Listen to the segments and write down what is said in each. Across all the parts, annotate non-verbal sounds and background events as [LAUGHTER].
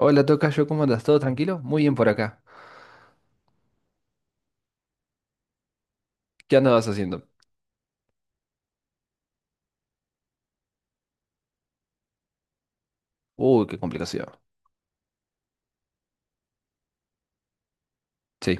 Hola, tocayo, ¿cómo andas? ¿Todo tranquilo? Muy bien por acá. ¿Qué andabas haciendo? Uy, qué complicación. Sí,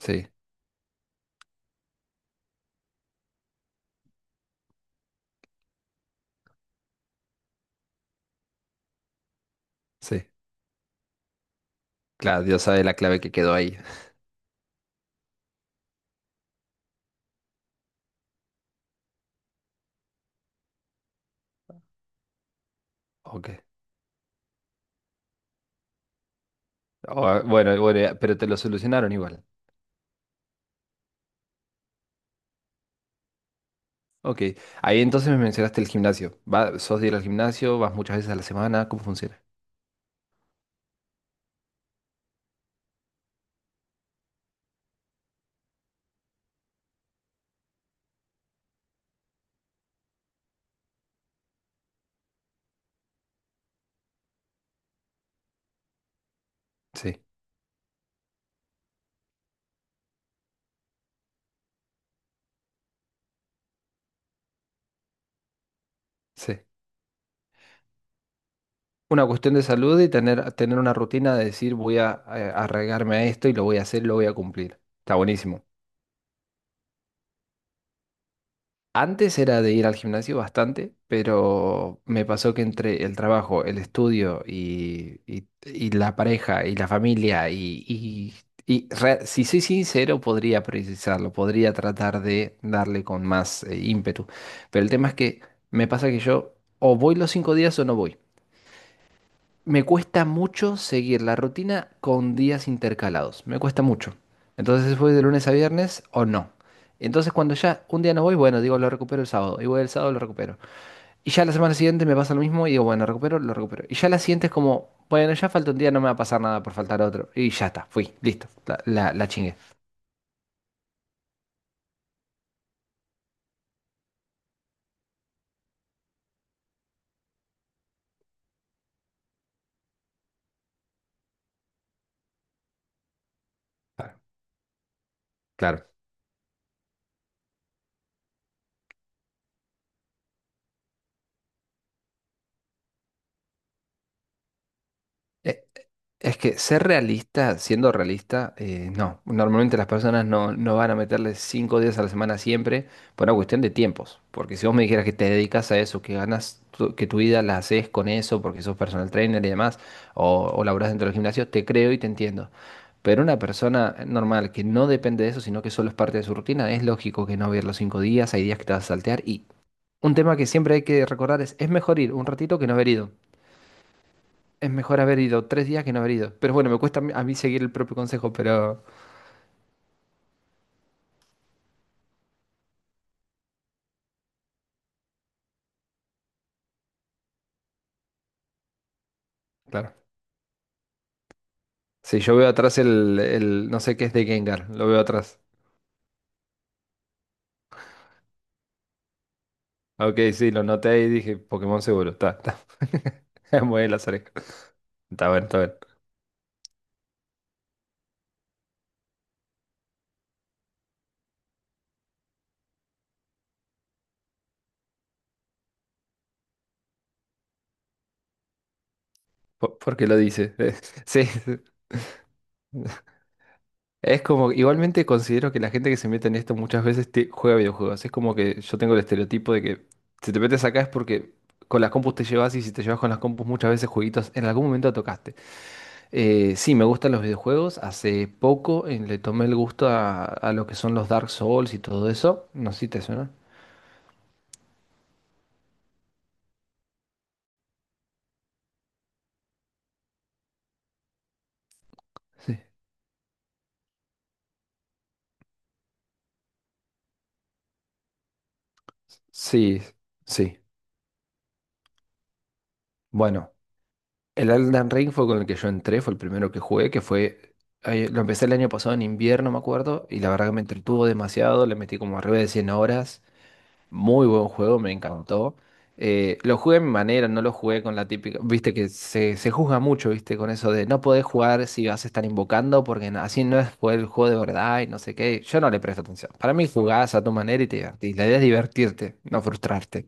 sí, sí. Claro, Dios sabe la clave que quedó ahí. [LAUGHS] Ok. Ah, bueno, bueno, ya, pero te lo solucionaron igual. Ok. Ahí entonces me mencionaste el gimnasio. ¿Va, sos de ir al gimnasio? ¿Vas muchas veces a la semana? ¿Cómo funciona? Sí, sí. Una cuestión de salud y tener una rutina de decir voy a arraigarme a esto y lo voy a hacer, lo voy a cumplir. Está buenísimo. Antes era de ir al gimnasio bastante, pero me pasó que entre el trabajo, el estudio y la pareja y la familia y si soy sincero, podría priorizarlo, podría tratar de darle con más ímpetu. Pero el tema es que me pasa que yo o voy los 5 días o no voy. Me cuesta mucho seguir la rutina con días intercalados. Me cuesta mucho. Entonces voy de lunes a viernes o no. Entonces cuando ya un día no voy, bueno, digo, lo recupero el sábado. Y voy el sábado, lo recupero. Y ya la semana siguiente me pasa lo mismo y digo, bueno, recupero, lo recupero. Y ya la siguiente es como, bueno, ya falta un día, no me va a pasar nada por faltar otro. Y ya está, fui, listo, la chingué. Claro, claro. Eh, Es que ser realista, siendo realista, no. Normalmente las personas no van a meterle 5 días a la semana siempre por una cuestión de tiempos. Porque si vos me dijeras que te dedicas a eso, que ganas, que tu vida la haces con eso, porque sos personal trainer y demás, o laburás dentro del gimnasio, te creo y te entiendo. Pero una persona normal que no depende de eso, sino que solo es parte de su rutina, es lógico que no va a ir los 5 días, hay días que te vas a saltear. Y un tema que siempre hay que recordar es mejor ir un ratito que no haber ido. Es mejor haber ido 3 días que no haber ido. Pero bueno, me cuesta a mí seguir el propio consejo, pero claro. Sí, yo veo atrás el no sé qué es de Gengar, lo veo atrás. Ah, Ok, sí, lo noté y dije, Pokémon seguro, está, está. [LAUGHS] Mueve las orejas. Está bueno, está bueno. Porque lo dice. [LAUGHS] Sí, sí. Es como, igualmente considero que la gente que se mete en esto muchas veces juega videojuegos. Es como que yo tengo el estereotipo de que si te metes acá es porque con las compus te llevas y si te llevas con las compus muchas veces jueguitos en algún momento tocaste. Sí, me gustan los videojuegos. Hace poco le tomé el gusto a lo que son los Dark Souls y todo eso. No sé si te suena. Sí. Sí, sí. Bueno, el Elden Ring fue con el que yo entré, fue el primero que jugué. Lo empecé el año pasado en invierno, me acuerdo, y la verdad que me entretuvo demasiado, le metí como arriba de 100 horas. Muy buen juego, me encantó. Lo jugué a mi manera, no lo jugué con la típica. Viste que se juzga mucho, viste, con eso de no podés jugar si vas a estar invocando porque así no es jugar el juego de verdad y no sé qué. Yo no le presto atención. Para mí jugás a tu manera y te divertís. La idea es divertirte, no frustrarte.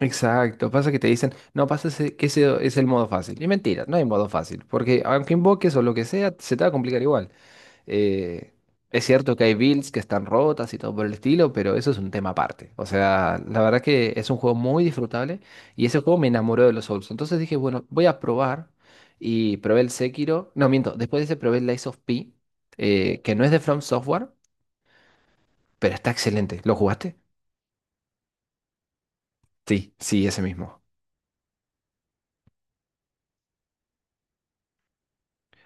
Exacto, pasa que te dicen, no, pasa que ese es el modo fácil. Y mentira, no hay modo fácil, porque aunque invoques o lo que sea, se te va a complicar igual. Eh, es cierto que hay builds que están rotas y todo por el estilo, pero eso es un tema aparte. O sea, la verdad que es un juego muy disfrutable y ese juego me enamoró de los Souls. Entonces dije, bueno, voy a probar y probé el Sekiro. No, miento, después de ese probé el Lies of P, que no es de From Software, pero está excelente. ¿Lo jugaste? Sí, sí, ese mismo.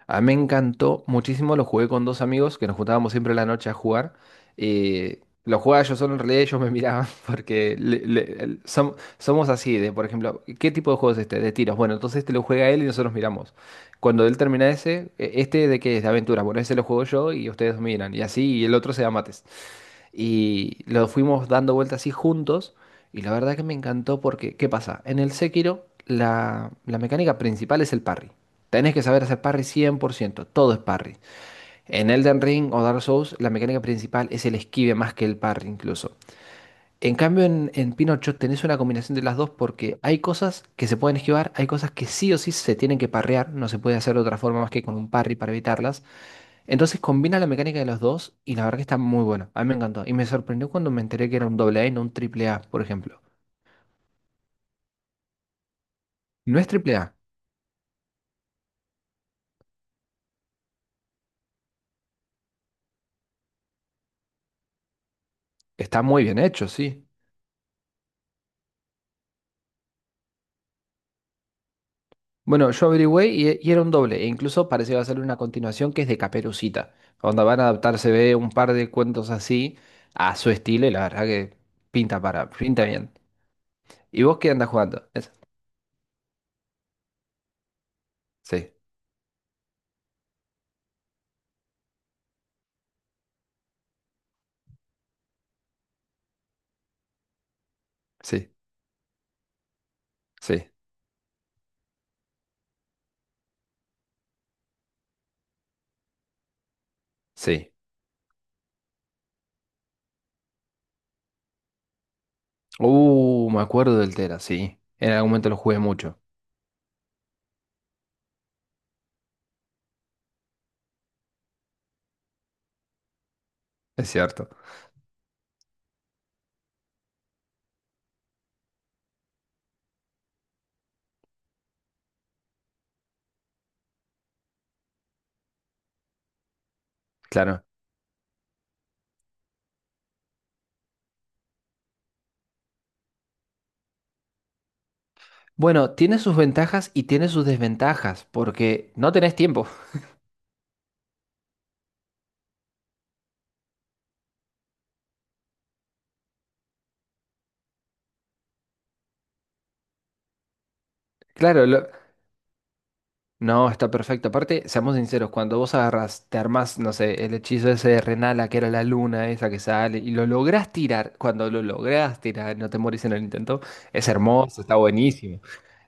A mí me encantó muchísimo, lo jugué con dos amigos que nos juntábamos siempre en la noche a jugar. eh, lo jugaba yo solo, en realidad ellos me miraban [LAUGHS] porque somos así, de por ejemplo, ¿qué tipo de juego es este? De tiros. Bueno, entonces este lo juega él y nosotros miramos. Cuando él termina ese, "Este de qué es, de aventura. Bueno, ese lo juego yo y ustedes miran. Y así, y el otro se da mates. Y lo fuimos dando vueltas así juntos. Y la verdad que me encantó porque, ¿qué pasa? En el Sekiro, la mecánica principal es el parry. Tenés que saber hacer parry 100% todo es parry. En Elden Ring o Dark Souls, la mecánica principal es el esquive más que el parry incluso. En cambio, en Pinocho tenés una combinación de las dos porque hay cosas que se pueden esquivar, hay cosas que sí o sí se tienen que parrear, no se puede hacer de otra forma más que con un parry para evitarlas. Entonces combina la mecánica de los dos y la verdad que está muy bueno. A mí me encantó. Y me sorprendió cuando me enteré que era un doble A y no un triple A, por ejemplo. No es triple A. Está muy bien hecho, sí. Bueno, yo averigüé y era un doble. E incluso parece que va a hacerle una continuación que es de Caperucita. Donde van a adaptarse ve un par de cuentos así a su estilo y la verdad que pinta bien. ¿Y vos qué andas jugando? ¿Es? Sí, sí, sí, sí. Me acuerdo del Tera, sí. En algún momento lo jugué mucho. Es cierto. Claro. Bueno, tiene sus ventajas y tiene sus desventajas, porque no tenés tiempo. [LAUGHS] Claro, no, está perfecto. Aparte, seamos sinceros, cuando vos agarras, te armás, no sé, el hechizo ese de Renala, que era la luna esa que sale, y lo lográs tirar, cuando lo lográs tirar, no te morís en el intento, es hermoso, está buenísimo.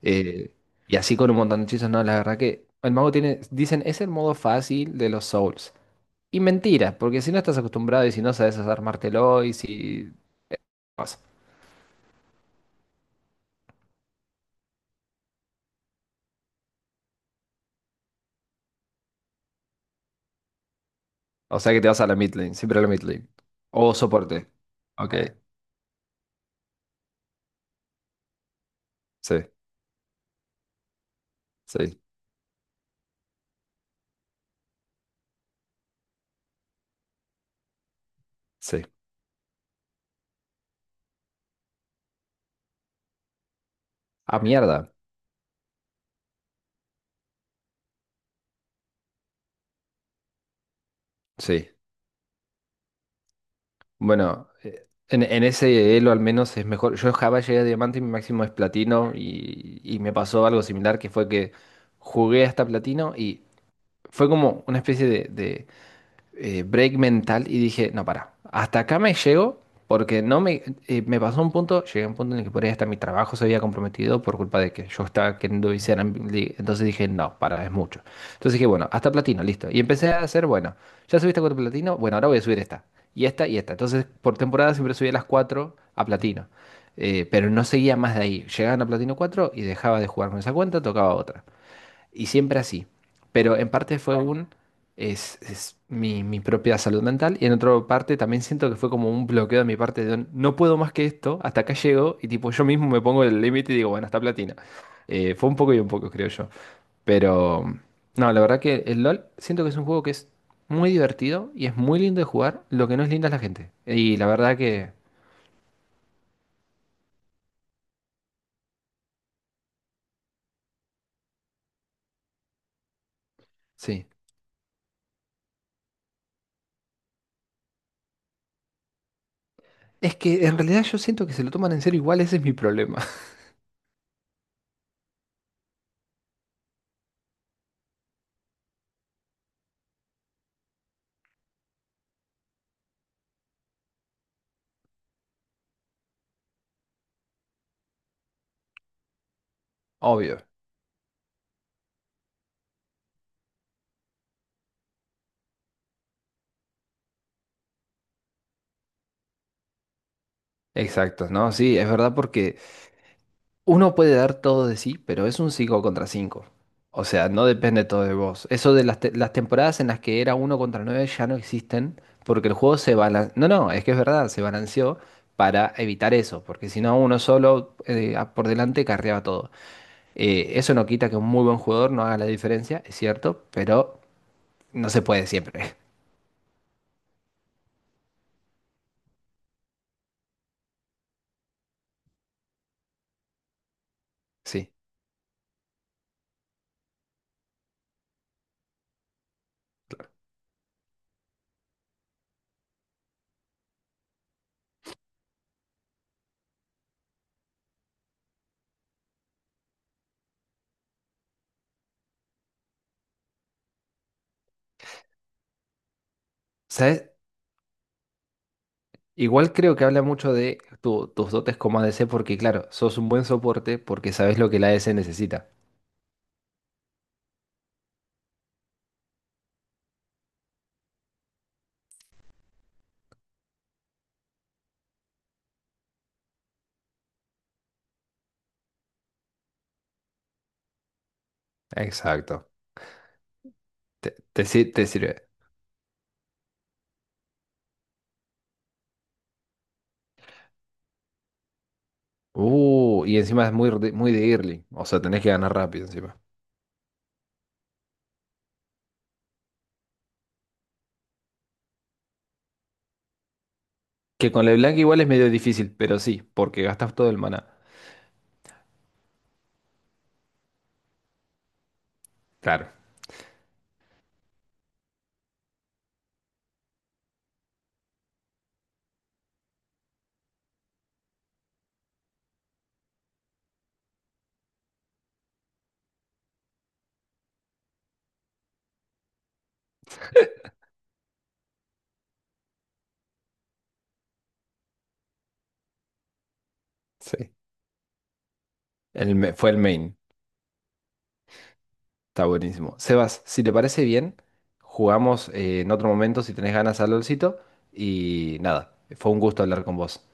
Eh, y así con un montón de hechizos, no, la verdad que el mago tiene, dicen, es el modo fácil de los Souls. Y mentira, porque si no estás acostumbrado y si no sabes armártelo y si... O sea que te vas a la mid lane, siempre a la mid lane. O soporte. Ok, sí, sí, sí. Ah, mierda. Sí. Bueno, en, ese elo al menos es mejor. Yo en Java llegué a diamante y mi máximo es platino y me pasó algo similar que fue que jugué hasta platino y fue como una especie de break mental y dije, no, para, hasta acá me llego porque no me, me pasó un punto, llegué a un punto en el que por ahí hasta mi trabajo se había comprometido por culpa de que yo estaba queriendo viciar, entonces dije, no, para, es mucho. Entonces dije, bueno, hasta platino, listo. Y empecé a hacer, bueno, ya subiste a cuatro platino, bueno, ahora voy a subir esta, y esta, y esta. Entonces, por temporada siempre subía las cuatro a platino. Pero no seguía más de ahí. Llegaban a Platino 4 y dejaba de jugar con esa cuenta, tocaba otra. Y siempre así. Pero en parte fue un, es mi propia salud mental. Y en otra parte también siento que fue como un bloqueo de mi parte de no puedo más que esto, hasta acá llego. Y tipo, yo mismo me pongo el límite y digo, bueno, hasta platina. Fue un poco y un poco, creo yo. Pero no, la verdad que el LOL siento que es un juego que es muy divertido y es muy lindo de jugar. Lo que no es lindo es la gente. Y la verdad que sí. Es que en realidad yo siento que se lo toman en serio igual, ese es mi problema. [LAUGHS] Obvio. Exacto, no, sí, es verdad porque uno puede dar todo de sí, pero es un 5 contra 5. O sea, no depende todo de vos. Eso de las temporadas en las que era uno contra 9 ya no existen porque el juego se balanceó. No, no, es que es verdad, se balanceó para evitar eso, porque si no, uno solo por delante carreaba todo. Eso no quita que un muy buen jugador no haga la diferencia, es cierto, pero no se puede siempre. [LAUGHS] Sí. ¿Sabes? Igual creo que habla mucho de tus dotes como ADC porque, claro, sos un buen soporte porque sabes lo que la ADC necesita. Exacto. Te sirve. Y encima es muy, muy de early. O sea, tenés que ganar rápido encima. Que con LeBlanc igual es medio difícil, pero sí, porque gastas todo el maná. Claro, sí. Fue el main. Está buenísimo. Sebas, si te parece bien, jugamos en otro momento si tenés ganas al LOLcito. Y nada, fue un gusto hablar con vos.